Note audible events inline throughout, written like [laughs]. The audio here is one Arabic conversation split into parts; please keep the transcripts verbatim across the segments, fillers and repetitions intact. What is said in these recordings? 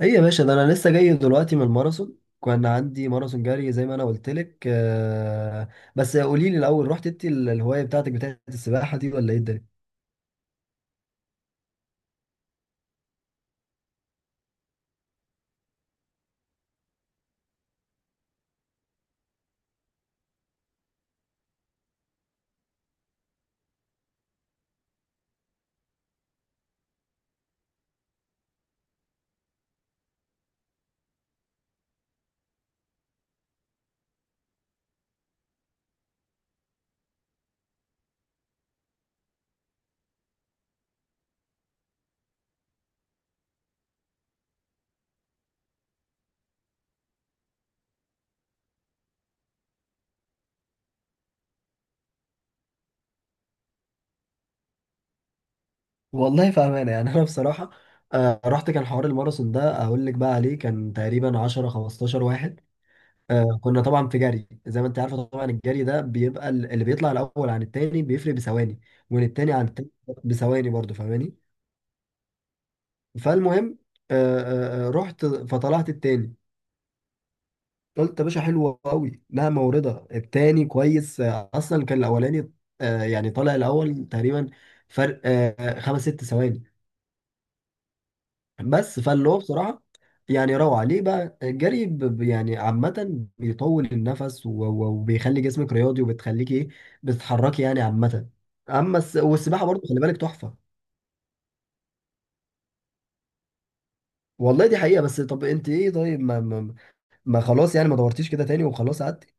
ايه يا باشا، ده انا لسه جاي دلوقتي من الماراثون. كان عندي ماراثون جري زي ما انا قلت لك آه، بس قولي لي الاول، رحت انت ال- الهوايه بتاعتك بتاعت السباحه دي، ولا ايه الدنيا؟ والله فاهمانه يعني. [laughs] انا بصراحه، آه، رحت. كان حوار الماراثون ده اقول لك بقى عليه، كان تقريبا عشرة خمستاشر واحد. آه، كنا طبعا في جري، زي ما انت عارفه. طبعا الجري ده بيبقى ال- اللي بيطلع الاول عن التاني بيفرق بثواني، والتاني عن التاني بثواني برضه، فاهماني؟ فالمهم، آه، آه، آه، رحت فطلعت التاني. قلت يا باشا حلوة قوي، لها موردة التاني كويس. آه، اصلا كان الاولاني آه، يعني طالع الاول تقريبا، فرق آه، خمس ست ثواني بس. فاللي هو بصراحة يعني روعة. ليه بقى الجري؟ ب- ب- يعني عامة بيطول النفس و- و- وبيخلي جسمك رياضي، وبتخليكي ايه، بتتحركي يعني عامة. اما الس- والسباحة برضه خلي بالك تحفة. والله دي حقيقة. بس طب انت ايه؟ طيب، ما, ما, ما خلاص يعني، ما دورتيش كده تاني وخلاص قعدتي؟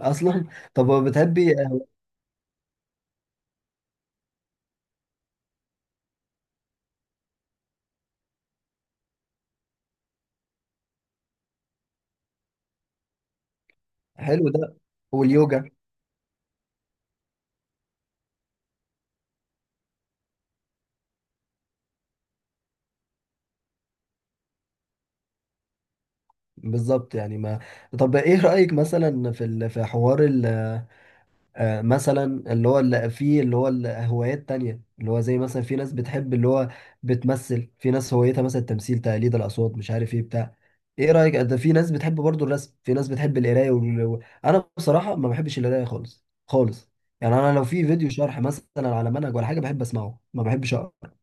اصلا. طب بتحبي آه، حلو ده. واليوجا. بالظبط يعني، ما. طب ايه رأيك مثلا في ال... في حوار ال... آه، مثلا اللي هو اللي فيه اللي هو الهوايات تانية، اللي هو زي مثلا في ناس بتحب اللي هو بتمثل، في ناس هوايتها مثلا التمثيل، تقليد الأصوات، مش عارف ايه بتاع. ايه رأيك ده؟ في ناس بتحب برضو الرسم، في ناس بتحب القراية وال... و-. انا بصراحة ما بحبش القراية خالص خالص. يعني انا لو في فيديو شرح مثلا على منهج ولا حاجة، بحب اسمعه، ما بحبش اقرا.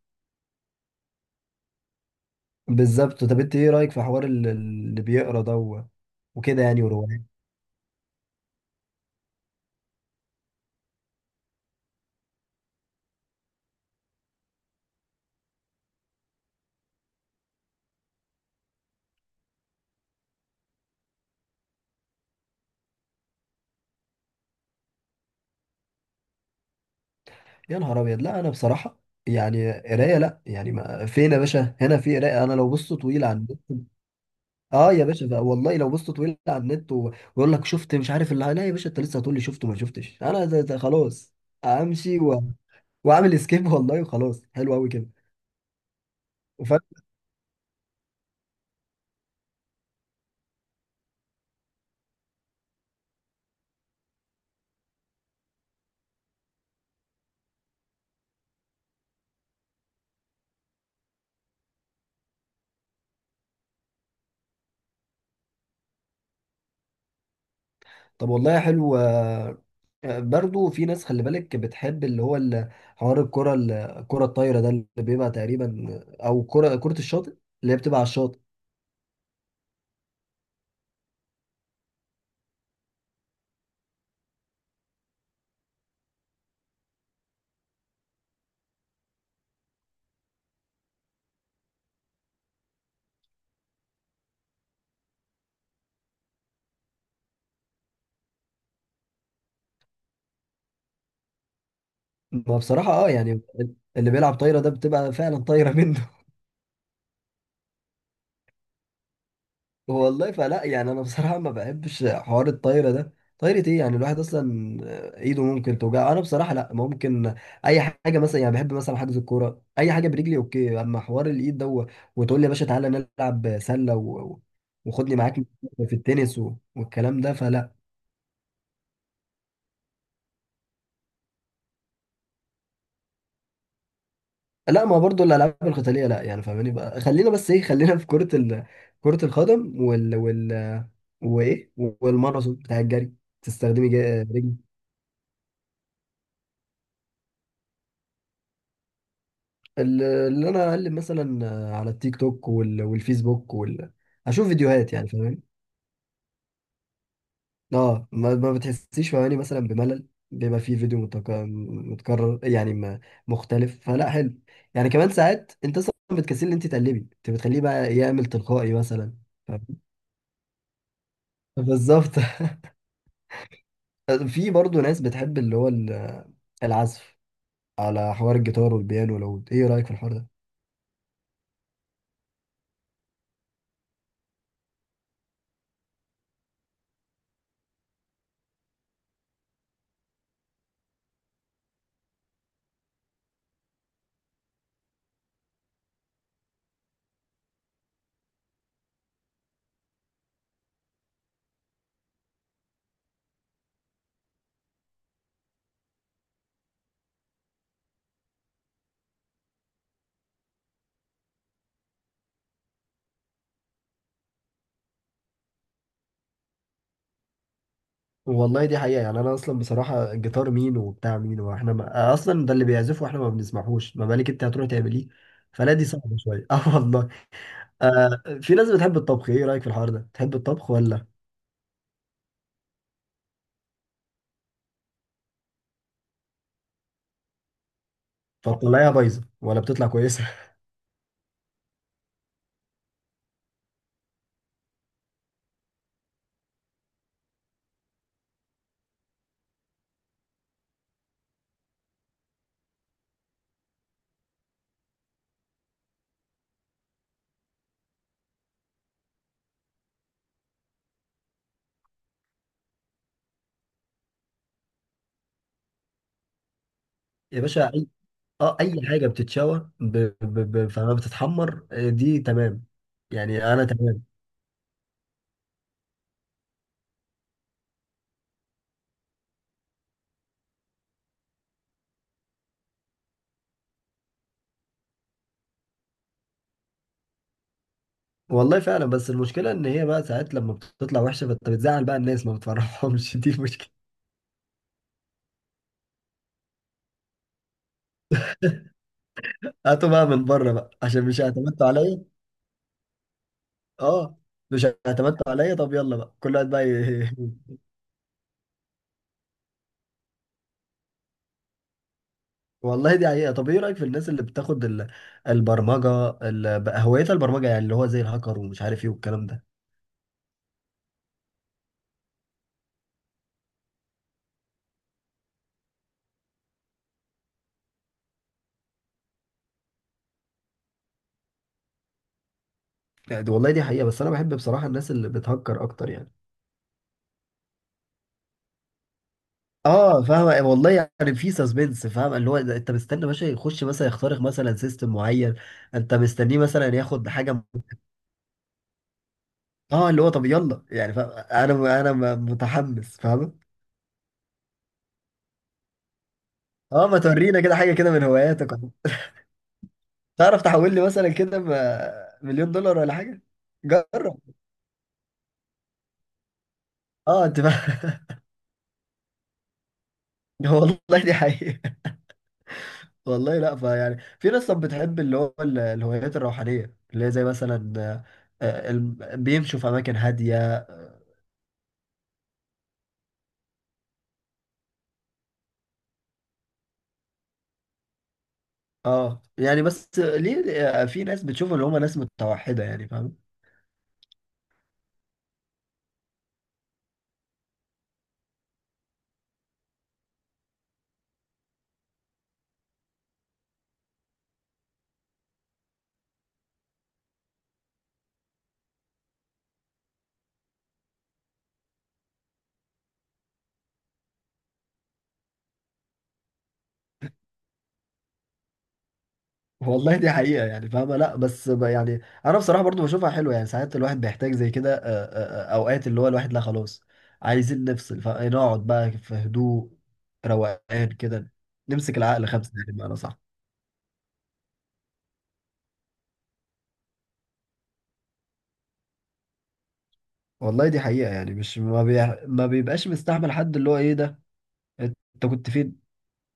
بالظبط. طب انت ايه رأيك في حوار ال- اللي بيقرا ده و... وكده يعني، وروايات؟ يا نهار ابيض، لا انا بصراحه يعني قرايه لا. يعني ما فين يا باشا هنا في قرايه. انا لو بصت طويل على النت، اه يا باشا بقى. والله لو بصت طويل على النت و- ويقول لك شفت مش عارف اللي، لا يا باشا انت لسه هتقول لي شفت وما شفتش، انا ده ده خلاص، امشي و... واعمل سكيب. [laughs] والله، وخلاص حلو قوي كده، وفاهم. طب والله حلو. آه، آه، برضو في ناس خلي بالك بتحب اللي هو ال- حوار الكره ال- الكره الطايره ده، اللي بيبقى تقريبا، او كره كره الشاطئ، اللي هي بتبقى على الشاطئ. ما بصراحة اه يعني، اللي بيلعب طايرة ده بتبقى فعلا طايرة منه. [laughs] والله فلا يعني، انا بصراحة ما بحبش حوار الطايرة ده. طايرة ايه يعني؟ الواحد اصلا ايده ممكن توجع. انا بصراحة لا ممكن. اي حاجة مثلا يعني، بحب مثلا حجز الكورة، اي حاجة برجلي اوكي. اما حوار الايد ده و- وتقول لي يا باشا تعالى نلعب سلة و... و- وخدني معاك في التنس و... والكلام ده، فلا. لا، ما برضو الالعاب القتاليه لا يعني، فاهماني. بقى خلينا بس ايه، خلينا في كره ال... كره القدم وال وال وايه، والماراثون بتاع الجري، تستخدمي جا- رجل. ال- اللي انا اقلب مثلا على التيك توك وال... والفيسبوك وال... اشوف فيديوهات يعني، فاهماني؟ اه. ما, ما بتحسيش فاهماني مثلا بملل؟ بيبقى فيه فيديو متك... متكرر يعني م- مختلف، فلا حلو يعني. كمان ساعات انت اصلا بتكسلي ان انت تقلبي، انت بتخليه بقى يعمل تلقائي مثلا. ف-. بالظبط. [laughs] في برضه ناس بتحب اللي هو ال- العزف على حوار الجيتار والبيانو. لو ايه رأيك في الحوار ده؟ والله دي حقيقة يعني. انا اصلا بصراحة الجيتار مين وبتاع مين، واحنا ما... اصلا ده اللي بيعزفه واحنا ما بنسمعهوش، ما بالك انت هتروح تعمليه. فلا دي صعبة شوية. [laughs] اه والله. آه، في ناس بتحب الطبخ. ايه رأيك في الحوار ده، بتحب الطبخ ولا؟ فتطلعيها بايظة ولا بتطلع كويسة؟ [laughs] يا باشا اي. اه اي حاجة بتتشوى ب... ب... ب... فما بتتحمر، آه، دي تمام. يعني انا تمام. والله فعلا، بس المشكلة إن هي بقى ساعات لما بتطلع وحشة، فأنت بتزعل، بقى الناس ما بتفرحهمش. [laughs] دي المشكلة. هاتوا بقى من بره بقى، عشان مش اعتمدتوا عليا. اه، مش اعتمدتوا عليا. طب يلا بقى كل واحد بقى ي... [laughs] والله دي حقيقة. طب إيه رأيك في الناس اللي بتاخد ال... البرمجة ال... بقى هوايتها البرمجة، يعني اللي هو زي الهاكر ومش عارف إيه والكلام ده؟ يعني دي-. والله دي حقيقة، بس أنا بحب بصراحة الناس اللي بتهكر أكتر يعني. اه فاهم والله، يعني في سسبنس. فاهم، اللي هو ده انت مستني باشا يخش مثلا، يخترق مثلا سيستم معين، انت مستنيه مثلا ياخد حاجه م-. اه اللي هو طب يلا يعني، فاهم. انا انا م- متحمس، فاهم. اه ما تورينا كده حاجه كده من هواياتك، ولا تعرف تحول لي مثلا كده م- مليون دولار ولا حاجه؟ جرب. اه انت فاهم. [laughs] والله دي حقيقه. والله لا، فيعني في ناس طب بتحب اللي هو ال- الهوايات الروحانيه، اللي هي زي مثلا آه، آه، الم- بيمشوا في اماكن هاديه. اه يعني، بس ليه آه، في ناس بتشوف ان هم ناس متوحده؟ يعني فاهم. والله دي حقيقه يعني، فاهمه. لا بس ب- يعني انا بصراحه برضو بشوفها حلوه يعني. ساعات الواحد بيحتاج زي كده، آه، آه، آه، اوقات اللي هو الواحد لا خلاص، عايزين نفصل فنقعد بقى في هدوء، روقان كده، نمسك العقل خمسه يعني، بمعنى صح. والله دي حقيقه يعني، مش ما, بي... ما بيبقاش مستحمل حد، اللي هو ايه ده انت، كنت فين؟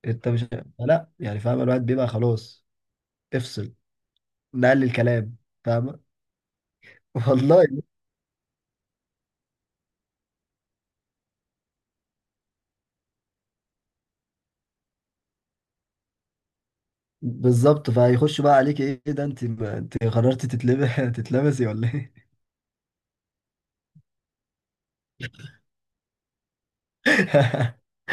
انت مش، لا يعني فاهم، الواحد بيبقى خلاص، افصل، نقلل الكلام، فاهم. [laughs] والله بالظبط. فهيخش بقى عليك، ايه ده انت انت قررتي تتلبس، [laughs] تتلبسي ولا ايه؟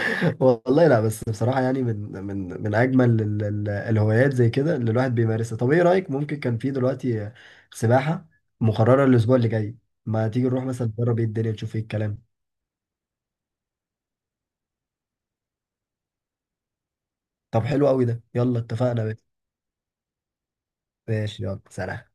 [laughs] والله لا، بس بصراحه يعني، من من من اجمل ال- ال- الهوايات زي كده اللي الواحد بيمارسها. طب ايه رايك؟ ممكن كان في دلوقتي سباحه مقرره الاسبوع اللي جاي، ما تيجي نروح مثلا نجرب ايه الدنيا، تشوف ايه الكلام؟ طب حلو قوي ده، يلا اتفقنا. بس ماشي، يلا سلام.